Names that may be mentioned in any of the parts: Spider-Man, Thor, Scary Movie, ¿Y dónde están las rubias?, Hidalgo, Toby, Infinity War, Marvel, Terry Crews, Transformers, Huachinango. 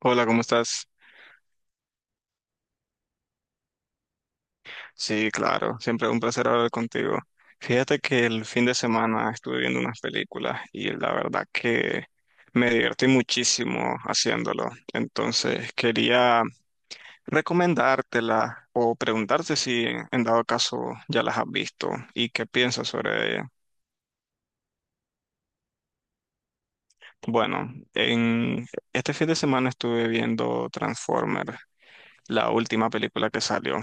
Hola, ¿cómo estás? Sí, claro, siempre un placer hablar contigo. Fíjate que el fin de semana estuve viendo unas películas y la verdad que me divertí muchísimo haciéndolo. Entonces quería recomendártela o preguntarte si en dado caso ya las has visto y qué piensas sobre ella. Bueno, en este fin de semana estuve viendo Transformer, la última película que salió.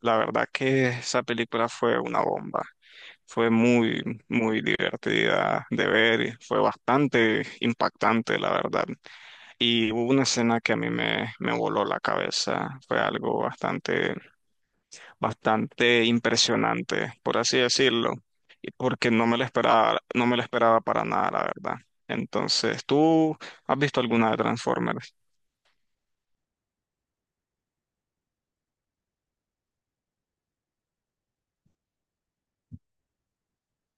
La verdad que esa película fue una bomba. Fue muy, muy divertida de ver, y fue bastante impactante, la verdad. Y hubo una escena que a mí me voló la cabeza, fue algo bastante, bastante impresionante, por así decirlo, y porque no me la esperaba, no me la esperaba para nada, la verdad. Entonces, ¿tú has visto alguna de Transformers?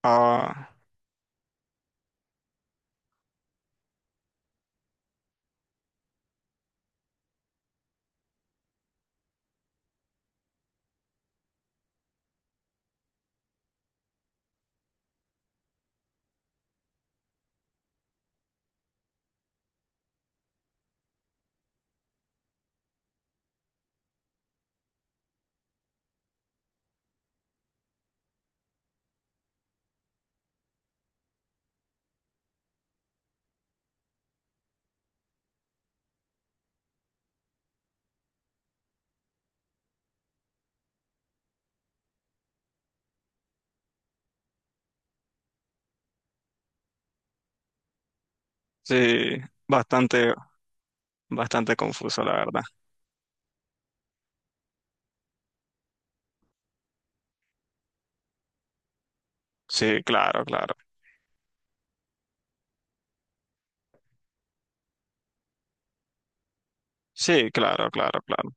Ah, sí, bastante, bastante confuso, la verdad. Sí, claro, claro. Sí, claro, claro, claro.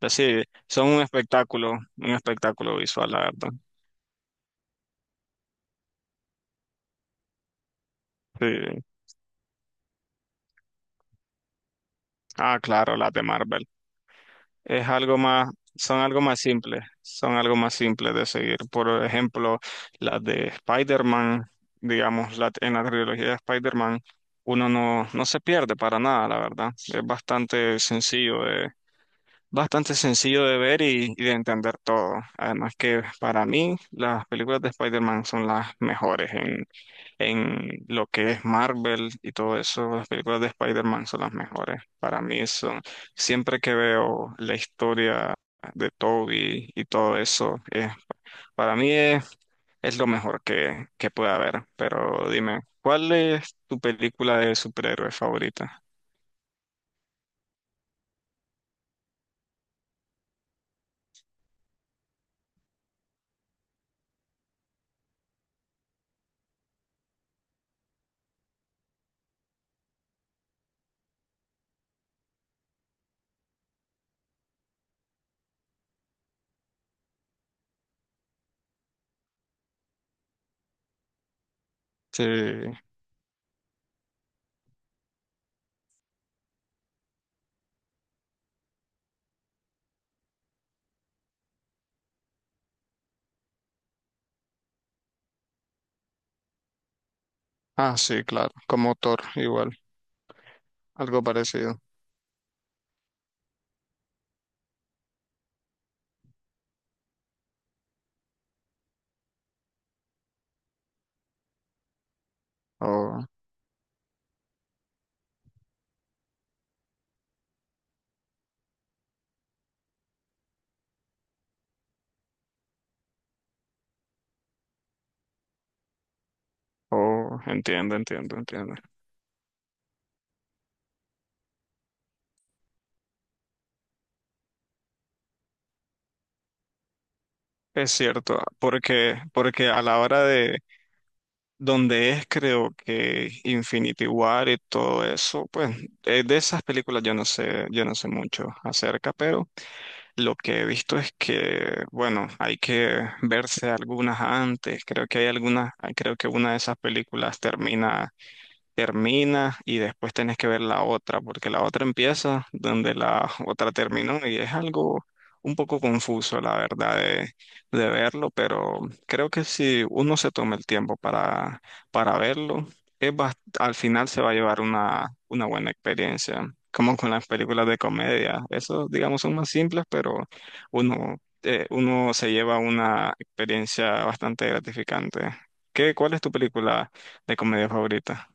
Pues sí, son un espectáculo visual, la verdad. Sí. Ah, claro, las de Marvel. Es algo más, son algo más simples, son algo más simples de seguir. Por ejemplo, las de Spider-Man, digamos, en la trilogía de Spider-Man, uno no se pierde para nada, la verdad. Es bastante sencillo de ver y de entender todo. Además que para mí, las películas de Spider-Man son las mejores en lo que es Marvel y todo eso, las películas de Spider-Man son las mejores. Para mí son, siempre que veo la historia de Toby y todo eso, para mí es lo mejor que puede haber. Pero dime, ¿cuál es tu película de superhéroe favorita? Sí. Ah, sí, claro, como Thor, igual, algo parecido. Oh, oh, entiendo, entiendo, entiendo. Es cierto, porque, porque a la hora de, donde es creo que Infinity War y todo eso, pues de esas películas yo no sé mucho acerca, pero lo que he visto es que, bueno, hay que verse algunas antes, creo que hay algunas, ah, creo que una de esas películas termina y después tenés que ver la otra, porque la otra empieza donde la otra terminó y es algo un poco confuso, la verdad, de verlo, pero creo que si uno se toma el tiempo para verlo, es al final se va a llevar una buena experiencia, como con las películas de comedia. Esos, digamos, son más simples, pero uno, uno se lleva una experiencia bastante gratificante. ¿Qué, cuál es tu película de comedia favorita?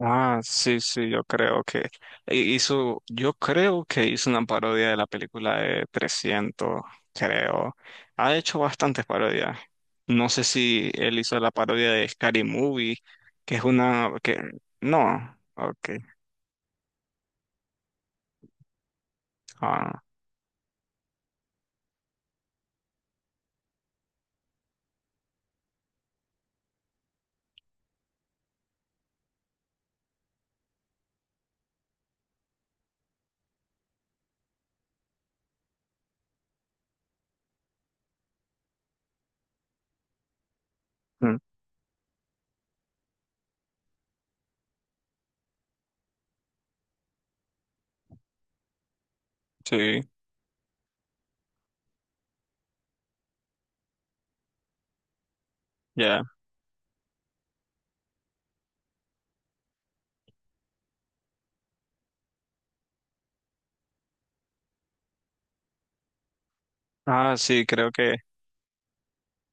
Ah, sí, sí, yo creo que hizo, yo creo que hizo una parodia de la película de 300, creo. Ha hecho bastantes parodias. No sé si él hizo la parodia de Scary Movie, que es una, que, no, ok, ah, mm, sí, ya. Ah, sí, creo que,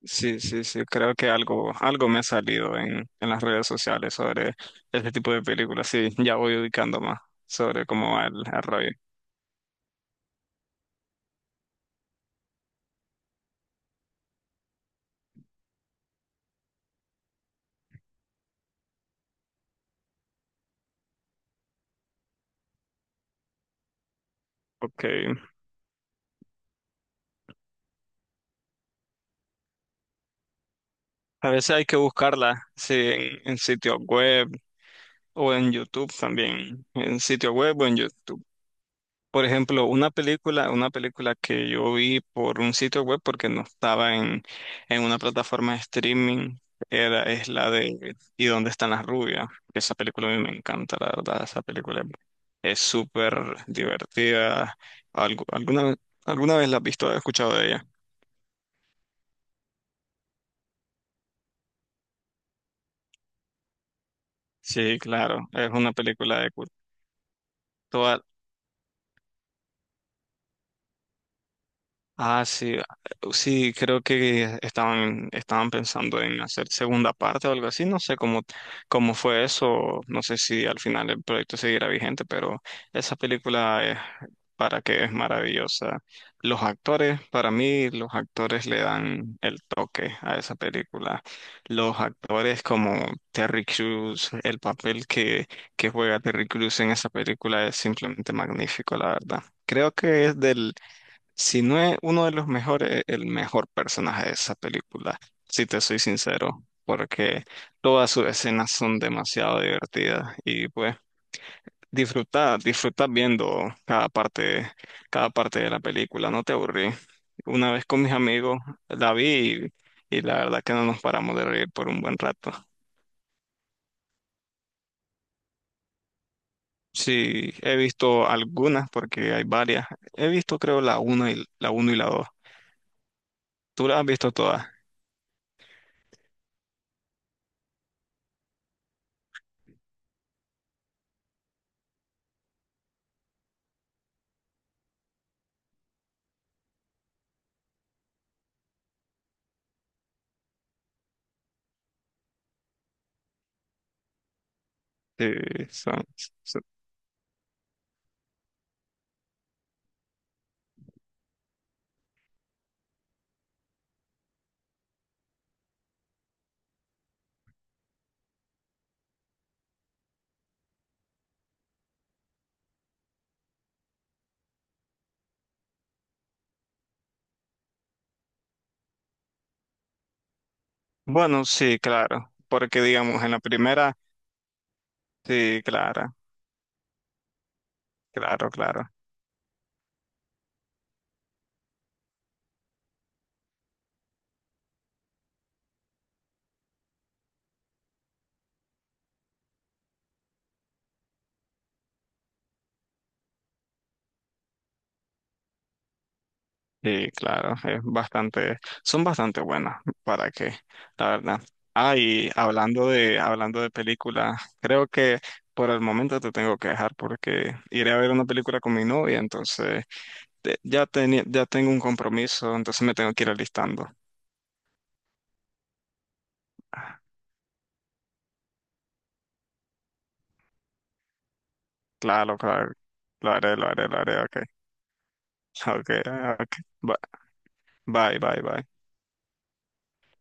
sí, sí, sí, creo que algo, algo me ha salido en las redes sociales sobre este tipo de películas, sí, ya voy ubicando más sobre cómo va el rollo. Ok. A veces hay que buscarla, sí, en sitios web o en YouTube también, en sitio web o en YouTube. Por ejemplo, una película que yo vi por un sitio web porque no estaba en una plataforma de streaming, era, es la de ¿Y dónde están las rubias? Esa película a mí me encanta, la verdad, esa película es súper divertida. Algu- alguna, ¿Alguna vez la has visto o has escuchado de ella? Sí, claro, es una película de culto. Ah, sí, ah, sí, creo que estaban, estaban pensando en hacer segunda parte o algo así, no sé cómo, cómo fue eso, no sé si al final el proyecto seguirá vigente, pero esa película es para que es maravillosa. Los actores, para mí, los actores le dan el toque a esa película. Los actores como Terry Crews, el papel que juega Terry Crews en esa película es simplemente magnífico, la verdad. Creo que es del si no es uno de los mejores, es el mejor personaje de esa película, si te soy sincero, porque todas sus escenas son demasiado divertidas y pues disfruta, disfruta viendo cada parte de la película, no te aburrí. Una vez con mis amigos la vi y la verdad que no nos paramos de reír por un buen rato. Sí, he visto algunas porque hay varias. He visto creo la 1 y la uno y la dos. ¿Tú las has visto todas? Sí, son, Bueno, sí, claro, porque digamos, en la primera, sí, claro, claro, claro, sí, claro, es bastante, son bastante buenas, ¿para que La verdad. Ah, y hablando de películas, creo que por el momento te tengo que dejar porque iré a ver una película con mi novia, entonces ya tenía, ya tengo un compromiso, entonces me tengo que ir alistando. Claro, claro, lo haré, lo haré, lo haré, ok, ok, ok, bye, bye, bye.